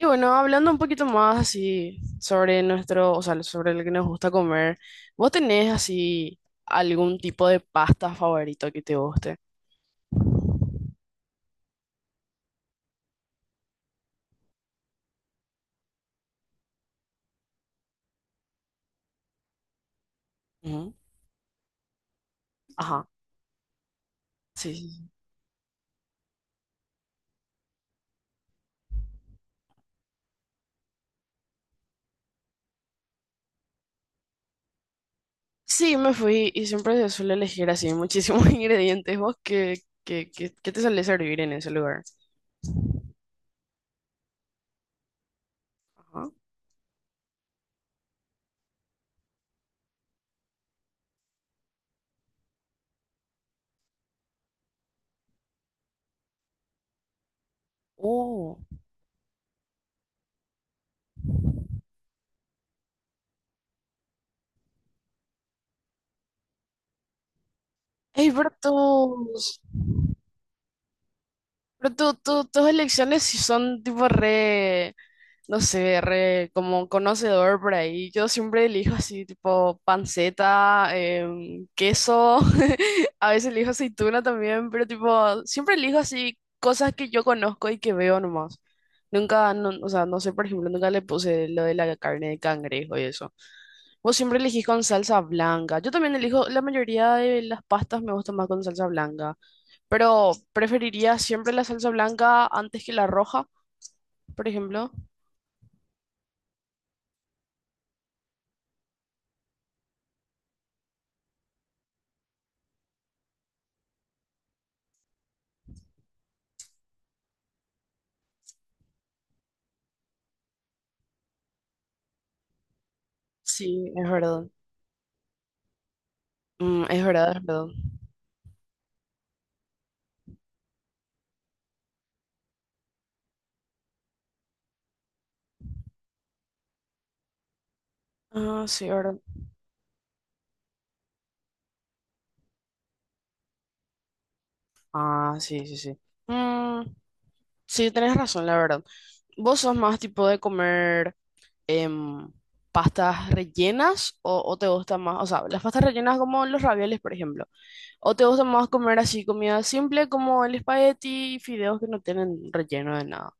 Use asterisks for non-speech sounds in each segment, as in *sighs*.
Y bueno, hablando un poquito más así sobre nuestro, o sea, sobre lo que nos gusta comer, ¿vos tenés así algún tipo de pasta favorito que te guste? Ujú. Ajá, sí. Sí, sí. Sí, me fui y siempre se suele elegir así muchísimos *laughs* ingredientes. ¿Vos qué te suele servir en ese lugar? Ajá. Oh. Ey, pero tus, pero tus elecciones sí son tipo re, no sé, re como conocedor por ahí. Yo siempre elijo así, tipo panceta, queso, *laughs* a veces elijo aceituna también, pero tipo, siempre elijo así cosas que yo conozco y que veo nomás. Nunca, no, o sea, no sé, por ejemplo, nunca le puse lo de la carne de cangrejo y eso. Vos siempre elegís con salsa blanca. Yo también elijo, la mayoría de las pastas me gustan más con salsa blanca, pero preferiría siempre la salsa blanca antes que la roja, por ejemplo. Sí, es verdad. Mm, es verdad, es verdad. Ah, sí, verdad. Ah, sí, sí, sí. Mm, sí, tenés razón, la verdad. ¿Vos sos más tipo de comer em, pastas rellenas o te gusta más, o sea, las pastas rellenas como los ravioles, por ejemplo? ¿O te gusta más comer así comida simple como el espagueti y fideos que no tienen relleno de nada?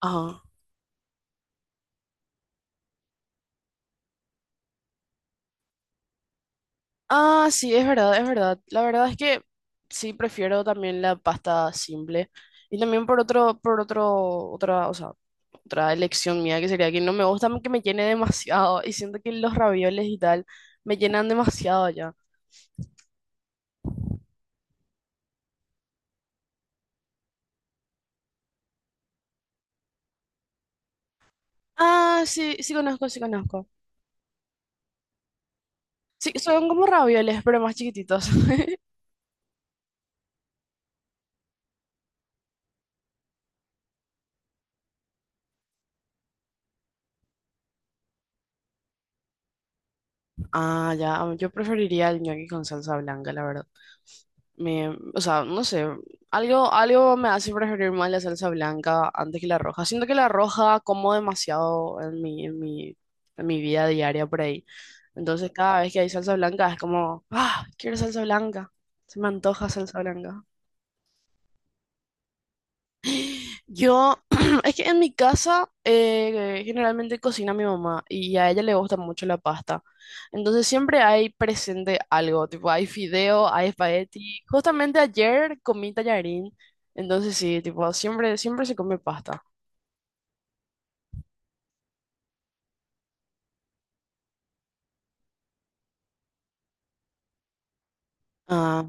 Ajá. Ah, sí, es verdad, es verdad. La verdad es que sí prefiero también la pasta simple. Y también por otro, otra, o sea, otra elección mía que sería que no me gusta que me llene demasiado y siento que los ravioles y tal me llenan demasiado ya. Ah, sí, sí conozco, sí conozco. Sí, son como ravioles, pero más chiquititos. *laughs* Ah, ya, ah, yo preferiría el ñoqui con salsa blanca, la verdad. Me, o sea, no sé, algo, algo me hace preferir más la salsa blanca antes que la roja. Siento que la roja como demasiado en mi vida diaria por ahí. Entonces cada vez que hay salsa blanca es como, ah, quiero salsa blanca, se me antoja salsa blanca. Yo, *clears throat* es que en mi casa generalmente cocina mi mamá y a ella le gusta mucho la pasta. Entonces siempre hay presente algo, tipo hay fideo, hay espagueti. Justamente ayer comí tallarín, entonces sí, tipo siempre, siempre se come pasta. Ah,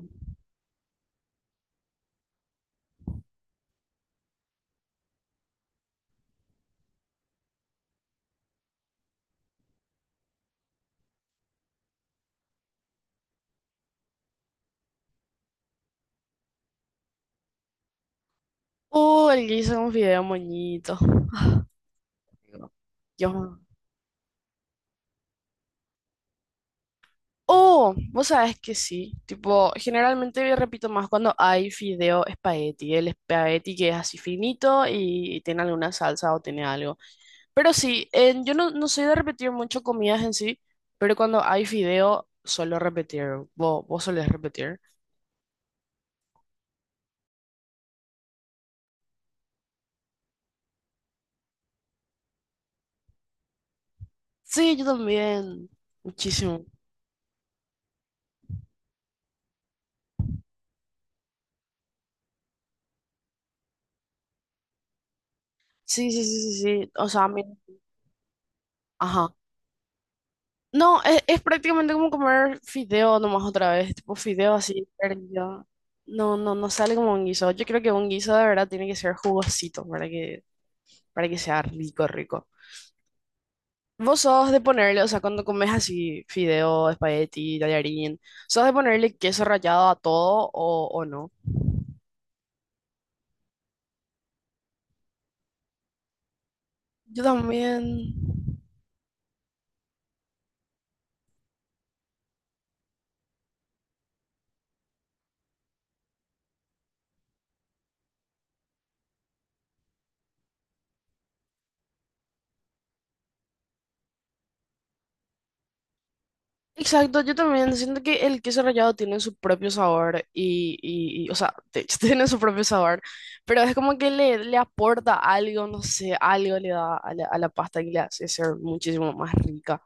el guiso con fideo moñito. *sighs* Dios. Oh, vos sabés que sí. Tipo, generalmente yo repito más cuando hay fideo espagueti. El espagueti que es así finito y tiene alguna salsa o tiene algo. Pero sí, en- yo no, no soy de repetir mucho comidas en sí, pero cuando hay fideo suelo repetir. ¿Vos, vos solés repetir? Sí, yo también. Muchísimo. Sí, sí, sí, sí, sí. O sea, a mí... Ajá. No, es prácticamente como comer fideo nomás otra vez, tipo fideo así, perdido. No, no, no sale como un guiso. Yo creo que un guiso de verdad tiene que ser jugosito para que sea rico, rico. Vos sos de ponerle, o sea, cuando comes así fideo, espagueti, tallarín, ¿sos de ponerle queso rallado a todo o no? Yo también. Exacto, yo también siento que el queso rallado tiene su propio sabor y, o sea, de hecho *laughs* tiene su propio sabor, pero es como que le aporta algo, no sé, algo le da a la pasta y le hace ser muchísimo más rica.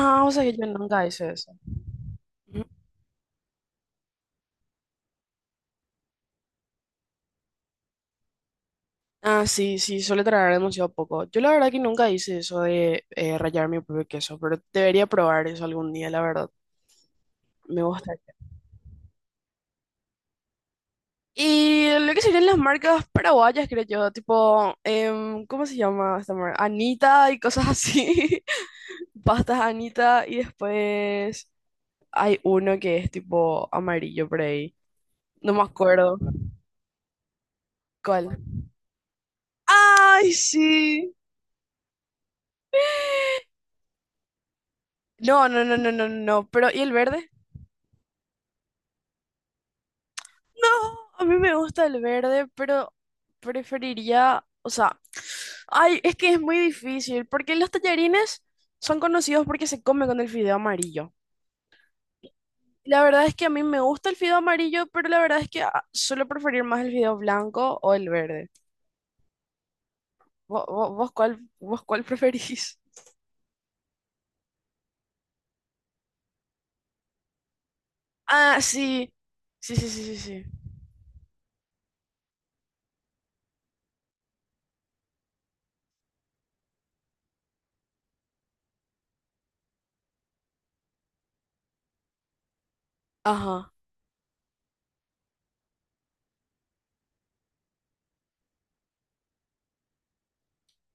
Ah, o sea que yo nunca hice eso. Ujú. Ah, sí, sí, suele traer demasiado poco. Yo la verdad que nunca hice eso de rallar mi propio queso, pero debería probar eso algún día, la verdad. Me gusta. Y lo que serían las marcas paraguayas, creo yo, tipo, ¿cómo se llama esta marca? Anita y cosas así. *laughs* Pastas Anita y después hay uno que es tipo amarillo por ahí. No me acuerdo. ¿Cuál? ¡Ay, sí! No, no, no, no, no, no. Pero, ¿y el verde? No, a mí me gusta el verde, pero preferiría, o sea, ay, es que es muy difícil, porque los tallarines son conocidos porque se comen con el fideo amarillo. La verdad es que a mí me gusta el fideo amarillo, pero la verdad es que ah, suelo preferir más el fideo blanco o el verde. ¿Vos, vos cuál, vos cuál preferís? *laughs* Ah, sí. Sí, sí, sí, sí, sí. Ajá.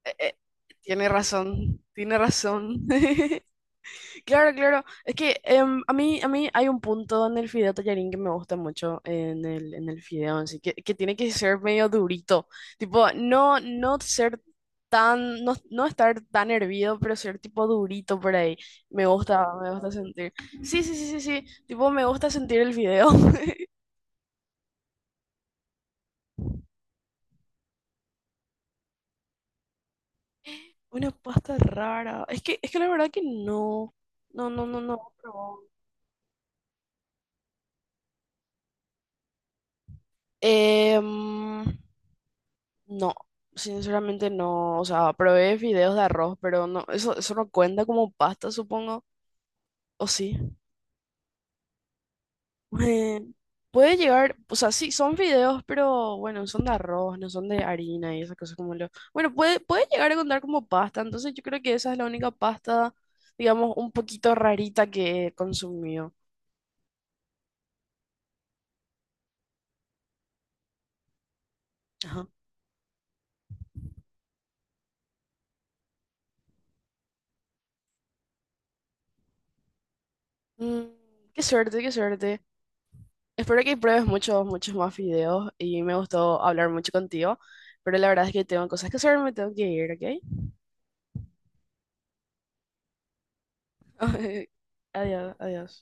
Eh, eh, tiene razón, tiene razón. *laughs* Claro, claro. Es que a mí hay un punto en el fideo tallarín que me gusta mucho en el fideo, así que tiene que ser medio durito. Tipo, no, no ser tan, no, no estar tan hervido, pero ser tipo durito por ahí. Me gusta sentir. Sí, sí, sí, sí, sí. Tipo, me gusta sentir el fideo. *laughs* Una pasta rara. Es que la verdad que no. No, no, no, no. he Em, No, sinceramente no. O sea, probé fideos de arroz, pero no, eso no cuenta como pasta, supongo. O sí. *laughs* Eh, Puede llegar, o sea, sí, son fideos, pero bueno, son de arroz, no son de harina y esas cosas como lo. Bueno, puede, puede llegar a contar como pasta, entonces yo creo que esa es la única pasta, digamos, un poquito rarita que he consumido. Ajá. Mm, qué suerte, qué suerte. Espero que pruebes muchos, muchos más videos y me gustó hablar mucho contigo, pero la verdad es que tengo cosas que hacer, me tengo que ir, ¿ok? *laughs* Adiós, adiós.